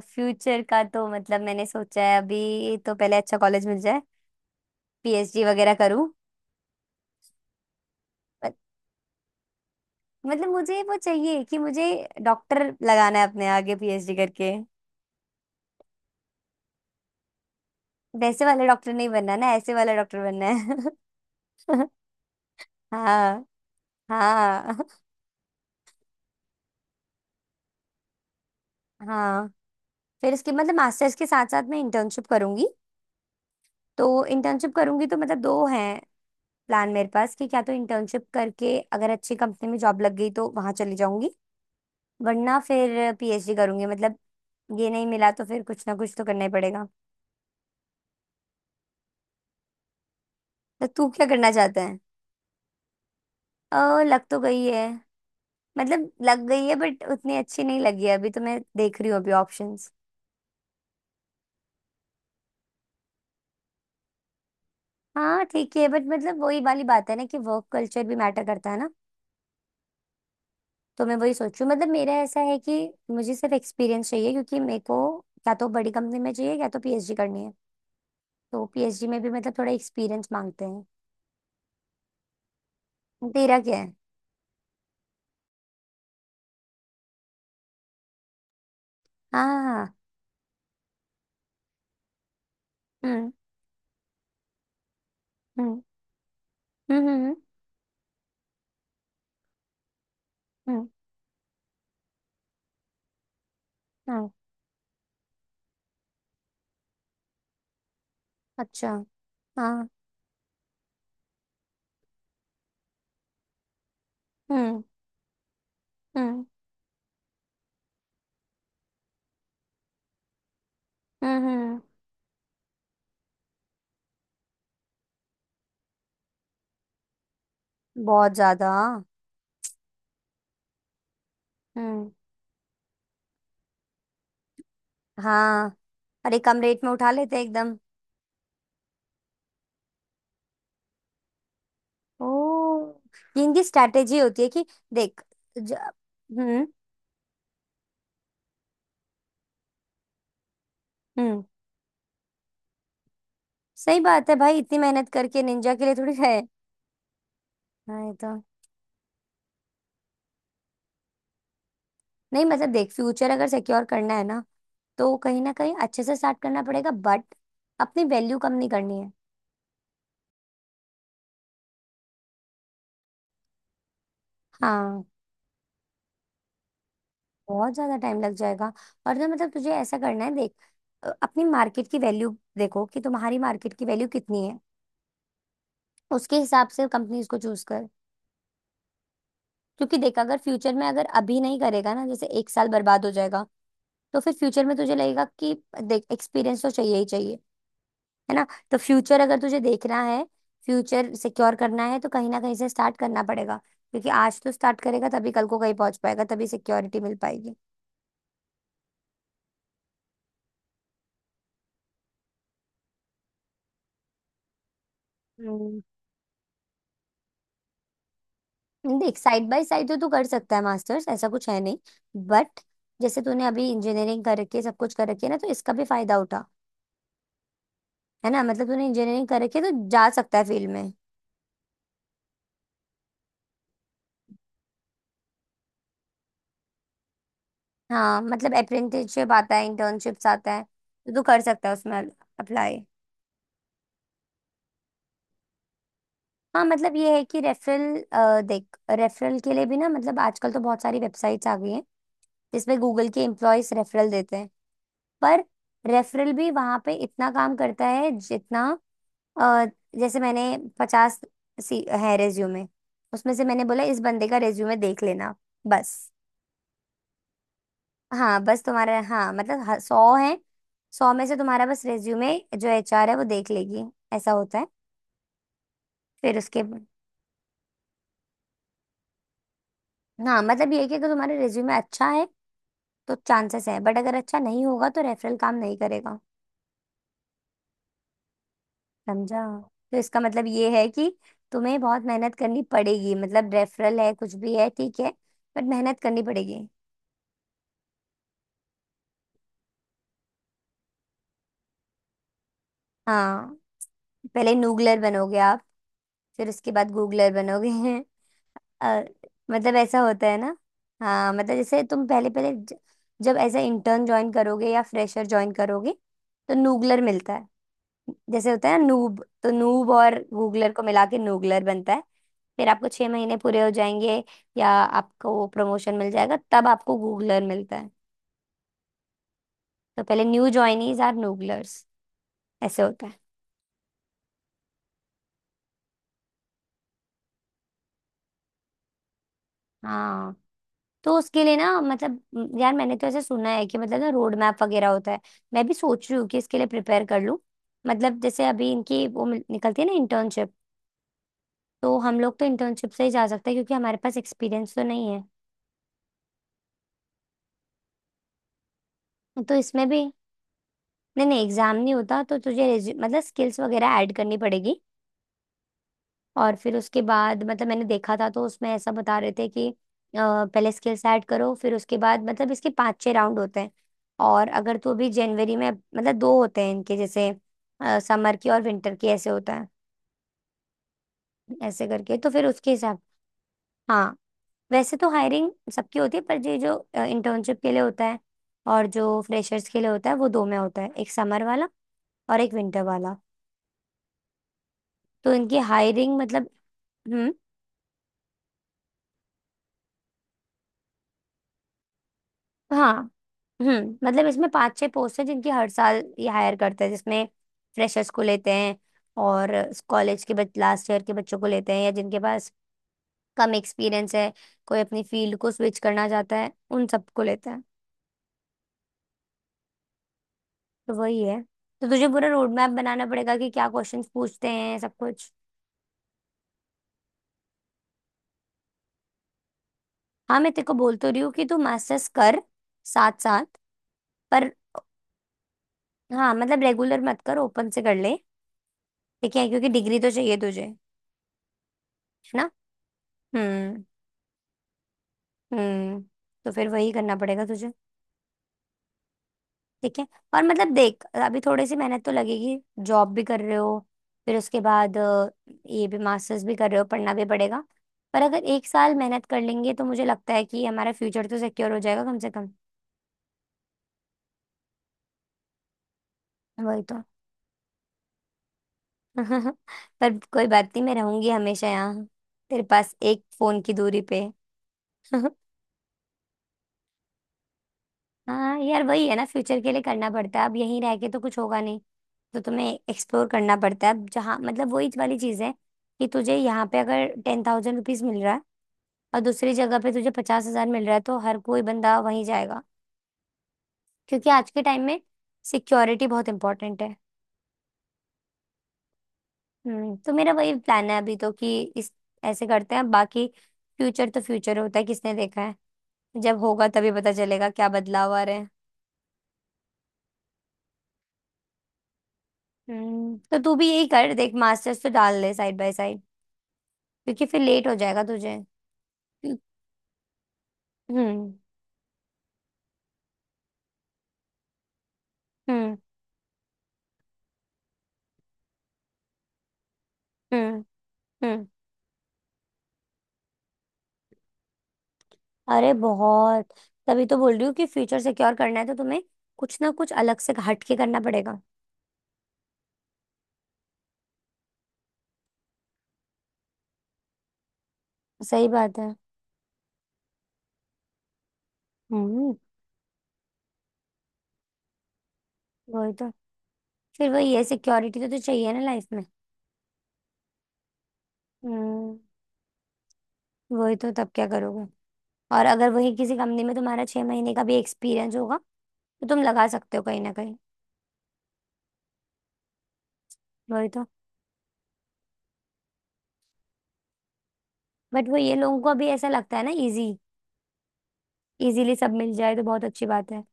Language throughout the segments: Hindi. फ्यूचर का तो मतलब मैंने सोचा है अभी तो पहले अच्छा कॉलेज मिल जाए, पीएचडी वगैरह करूं। पर- मतलब मुझे वो चाहिए कि मुझे डॉक्टर लगाना है अपने आगे पीएचडी करके। वैसे वाला डॉक्टर नहीं बनना ना, ऐसे वाला डॉक्टर बनना है। हाँ हाँ हाँ। फिर इसके मतलब मास्टर्स के साथ साथ मैं इंटर्नशिप करूंगी। तो इंटर्नशिप करूंगी तो मतलब दो हैं प्लान मेरे पास कि क्या तो इंटर्नशिप करके अगर अच्छी कंपनी में जॉब लग गई तो वहां चली जाऊंगी, वरना फिर पीएचडी करूंगी। मतलब ये नहीं मिला तो फिर कुछ ना कुछ तो करना ही पड़ेगा। तो तू क्या करना चाहता है? ओ, लग तो गई है। मतलब लग गई है बट उतनी अच्छी नहीं लगी है, अभी तो मैं देख रही हूँ अभी ऑप्शंस। हाँ ठीक है, बट मतलब वही वाली बात है ना कि वर्क कल्चर भी मैटर करता है ना। तो मैं वही सोचूं, मतलब मेरा ऐसा है कि मुझे सिर्फ एक्सपीरियंस चाहिए, क्योंकि मेरे को क्या तो बड़ी कंपनी में चाहिए या तो पीएचडी करनी है। तो पीएचडी में भी मतलब थोड़ा एक्सपीरियंस मांगते हैं। तेरा क्या है? हाँ हाँ हाँ, हम्म हम्म। हम्म, हाँ। अच्छा। हाँ। हम्म हम्म हम्म। बहुत ज्यादा, हाँ। हम्म। हाँ, अरे कम रेट में उठा लेते हैं एकदम। ओ, ये इनकी स्ट्रैटेजी होती है कि देख ज- हम्म हम्म। सही बात है भाई, इतनी मेहनत करके निंजा के लिए थोड़ी है। हाँ ये तो, नहीं मतलब देख, फ्यूचर अगर सिक्योर करना है ना तो कहीं ना कहीं अच्छे से स्टार्ट करना पड़ेगा। बट अपनी वैल्यू कम नहीं करनी है। हाँ, बहुत ज्यादा टाइम लग जाएगा। और ना मतलब तुझे ऐसा करना है, देख, अपनी मार्केट की वैल्यू देखो कि तुम्हारी मार्केट की वैल्यू कितनी है। उसके हिसाब से कंपनीज को चूज कर। क्योंकि देख, अगर फ्यूचर में अगर अभी नहीं करेगा ना, जैसे एक साल बर्बाद हो जाएगा, तो फिर फ्यूचर में तुझे लगेगा कि देख एक्सपीरियंस तो चाहिए ही चाहिए, है ना। तो फ्यूचर अगर तुझे देखना है, फ्यूचर सिक्योर करना है, तो कहीं ना कहीं से स्टार्ट करना पड़ेगा। क्योंकि आज तो स्टार्ट करेगा तभी कल को कहीं पहुंच पाएगा, तभी सिक्योरिटी मिल पाएगी। देख, साइड बाय साइड तो तू कर सकता है मास्टर्स, ऐसा कुछ है नहीं। बट जैसे तूने अभी इंजीनियरिंग कर रखी है, सब कुछ कर रखी है ना, तो इसका भी फायदा उठा। है ना, मतलब तूने इंजीनियरिंग कर रखी है तो जा सकता है फील्ड में। हाँ मतलब अप्रेंटिसशिप आता है, इंटर्नशिप्स आता है, तो तू कर सकता है उसमें अप्लाई। हाँ मतलब ये है कि रेफरल, देख रेफरल के लिए भी ना, मतलब आजकल तो बहुत सारी वेबसाइट्स आ गई हैं जिसमें गूगल के एम्प्लॉयज रेफरल देते हैं। पर रेफरल भी वहां पे इतना काम करता है जितना, अ, जैसे मैंने 50 सी है रेज्यूमे, उसमें से मैंने बोला इस बंदे का रेज्यूमे देख लेना, बस। हाँ बस तुम्हारा, हाँ मतलब 100 है, 100 में से तुम्हारा बस रेज्यूमे जो एचआर है वो देख लेगी। ऐसा होता है। फिर उसके बाद- हाँ मतलब ये है कि अगर तुम्हारा रेज्यूमे अच्छा है तो चांसेस है, बट अगर अच्छा नहीं होगा तो रेफरल काम नहीं करेगा। समझा? तो इसका मतलब ये है कि तुम्हें बहुत मेहनत करनी पड़ेगी। मतलब रेफरल है, कुछ भी है, ठीक है, बट मेहनत करनी पड़ेगी। हाँ, पहले नूगलर बनोगे आप, फिर उसके बाद गूगलर बनोगे। और मतलब ऐसा होता है ना। हाँ मतलब जैसे तुम पहले पहले जब ऐसा इंटर्न ज्वाइन करोगे या फ्रेशर ज्वाइन करोगे, तो नूगलर मिलता है। जैसे होता है ना, नूब, तो नूब और गूगलर को मिला के नूगलर बनता है। फिर आपको 6 महीने पूरे हो जाएंगे या आपको प्रमोशन मिल जाएगा, तब आपको गूगलर मिलता है। तो पहले न्यू ज्वाइनीज आर नूगलर्स। ऐसे होता है। हाँ तो उसके लिए ना मतलब यार मैंने तो ऐसे सुना है कि मतलब ना रोड मैप वगैरह होता है। मैं भी सोच रही हूँ कि इसके लिए प्रिपेयर कर लूँ। मतलब जैसे अभी इनकी वो निकलती है ना इंटर्नशिप, तो हम लोग तो इंटर्नशिप से ही जा सकते हैं क्योंकि हमारे पास एक्सपीरियंस तो नहीं है। तो इसमें भी नहीं नहीं, एग्जाम नहीं होता, तो तुझे मतलब स्किल्स वगैरह ऐड करनी पड़ेगी। और फिर उसके बाद मतलब मैंने देखा था तो उसमें ऐसा बता रहे थे कि पहले स्किल्स ऐड करो, फिर उसके बाद मतलब इसके पांच छह राउंड होते हैं। और अगर तो अभी जनवरी में मतलब दो होते हैं इनके, जैसे समर की और विंटर की, ऐसे होता है। ऐसे करके, तो फिर उसके हिसाब। हाँ, वैसे तो हायरिंग सबकी होती है, पर ये जो इंटर्नशिप के लिए होता है और जो फ्रेशर्स के लिए होता है वो दो में होता है, एक समर वाला और एक विंटर वाला। तो इनकी हायरिंग मतलब। हम्म। हाँ, हम्म। मतलब इसमें पांच छह पोस्ट है जिनकी हर साल ये हायर करते हैं, जिसमें फ्रेशर्स को लेते हैं। और कॉलेज के बच लास्ट ईयर के बच्चों को लेते हैं या जिनके पास कम एक्सपीरियंस है, कोई अपनी फील्ड को स्विच करना चाहता है, उन सबको लेते हैं। तो वही है। तो तुझे पूरा रोड मैप बनाना पड़ेगा कि क्या क्वेश्चंस पूछते हैं, सब कुछ। हाँ मैं तेरे को बोल तो रही हूँ कि तू मास्टर्स कर, साथ साथ। पर हाँ मतलब रेगुलर मत कर, ओपन से कर ले, ठीक है, क्योंकि डिग्री तो चाहिए तुझे, है ना। हम्म हम्म। तो फिर वही करना पड़ेगा तुझे। ठीक है। और मतलब देख, अभी थोड़ी सी मेहनत तो लगेगी, जॉब भी कर रहे हो, फिर उसके बाद ये भी, मास्टर्स भी कर रहे हो, पढ़ना भी पड़ेगा। पर अगर एक साल मेहनत कर लेंगे तो मुझे लगता है कि हमारा फ्यूचर तो सिक्योर हो जाएगा कम से कम। वही तो। पर कोई बात नहीं, मैं रहूंगी हमेशा यहाँ, तेरे पास, एक फोन की दूरी पे। हाँ यार, वही है ना, फ्यूचर के लिए करना पड़ता है। अब यहीं रह के तो कुछ होगा नहीं, तो तुम्हें एक्सप्लोर करना पड़ता है। अब जहाँ मतलब वही वाली चीज़ है कि तुझे यहाँ पे अगर 10,000 रुपीज मिल रहा है और दूसरी जगह पे तुझे 50,000 मिल रहा है, तो हर कोई बंदा वहीं जाएगा। क्योंकि आज के टाइम में सिक्योरिटी बहुत इंपॉर्टेंट है। हम्म, तो मेरा वही प्लान है अभी तो कि इस, ऐसे करते हैं बाकी, फ्यूचर तो फ्यूचर होता है, किसने देखा है। जब होगा तभी पता चलेगा क्या बदलाव आ रहे हैं। हम्म, तो तू भी यही कर, देख मास्टर्स तो डाल दे साइड बाय साइड, क्योंकि फिर लेट हो जाएगा तुझे। हम्म हम्म हम्म हम्म। अरे बहुत, तभी तो बोल रही हूँ कि फ्यूचर सिक्योर करना है तो तुम्हें कुछ ना कुछ अलग से हट के करना पड़ेगा। सही बात है। हम्म। वही तो, फिर वही है, सिक्योरिटी तो चाहिए ना लाइफ में। हम्म। वही तो, तब क्या करोगे। और अगर वही किसी कंपनी में तुम्हारा 6 महीने का भी एक्सपीरियंस होगा, तो तुम लगा सकते हो कहीं ना कहीं। वही तो। बट वो, ये लोगों को अभी ऐसा लगता है ना, इजी, इजीली सब मिल जाए तो बहुत अच्छी बात है।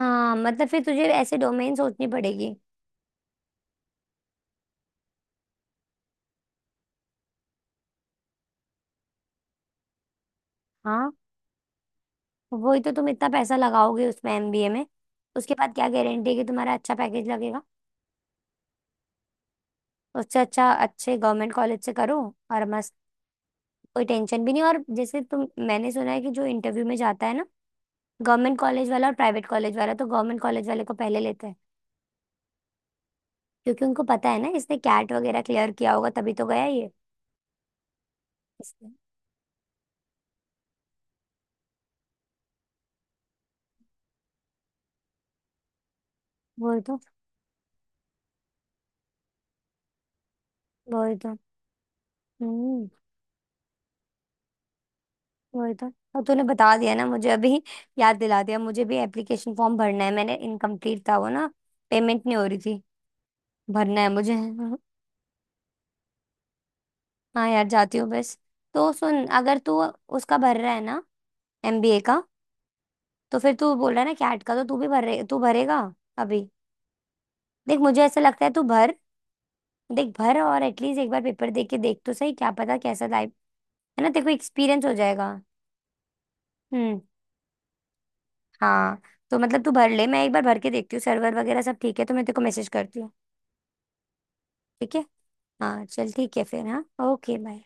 हाँ मतलब फिर तुझे ऐसे डोमेन सोचनी पड़ेगी। हाँ वही तो, तुम इतना पैसा लगाओगे उसमें, एमबीए में, उसके बाद क्या गारंटी है कि तुम्हारा अच्छा पैकेज लगेगा। उससे अच्छा अच्छे गवर्नमेंट कॉलेज से करो, और मस्त, कोई टेंशन भी नहीं। और जैसे तुम, मैंने सुना है कि जो इंटरव्यू में जाता है ना, गवर्नमेंट कॉलेज वाला और प्राइवेट कॉलेज वाला, तो गवर्नमेंट कॉलेज वाले को पहले लेते हैं। क्योंकि उनको पता है ना, इसने कैट वगैरह क्लियर किया होगा तभी तो गया ये। इसलिए। वही तो। वही तो। हम्म। वही तो। और तूने बता दिया ना मुझे अभी, याद दिला दिया, मुझे भी एप्लीकेशन फॉर्म भरना है, मैंने इनकम्प्लीट था वो ना, पेमेंट नहीं हो रही थी। भरना है मुझे। हाँ यार, जाती हूँ बस। तो सुन, अगर तू उसका भर रहा है ना, एमबीए का, तो फिर तू बोल रहा है ना कैट का, तो तू भी भरे, तू भरेगा अभी? देख मुझे ऐसा लगता है तू भर। देख भर, और एटलीस्ट एक बार पेपर दे के देख तो सही क्या पता कैसा, टाइप, है ना, तेरे को एक्सपीरियंस हो जाएगा। हम्म। हाँ। तो मतलब तू भर ले, मैं एक बार भर के देखती हूँ, सर्वर वगैरह सब ठीक है तो मैं तेरे को मैसेज करती हूँ। ठीक है। हाँ चल ठीक है फिर, हाँ। Okay bye.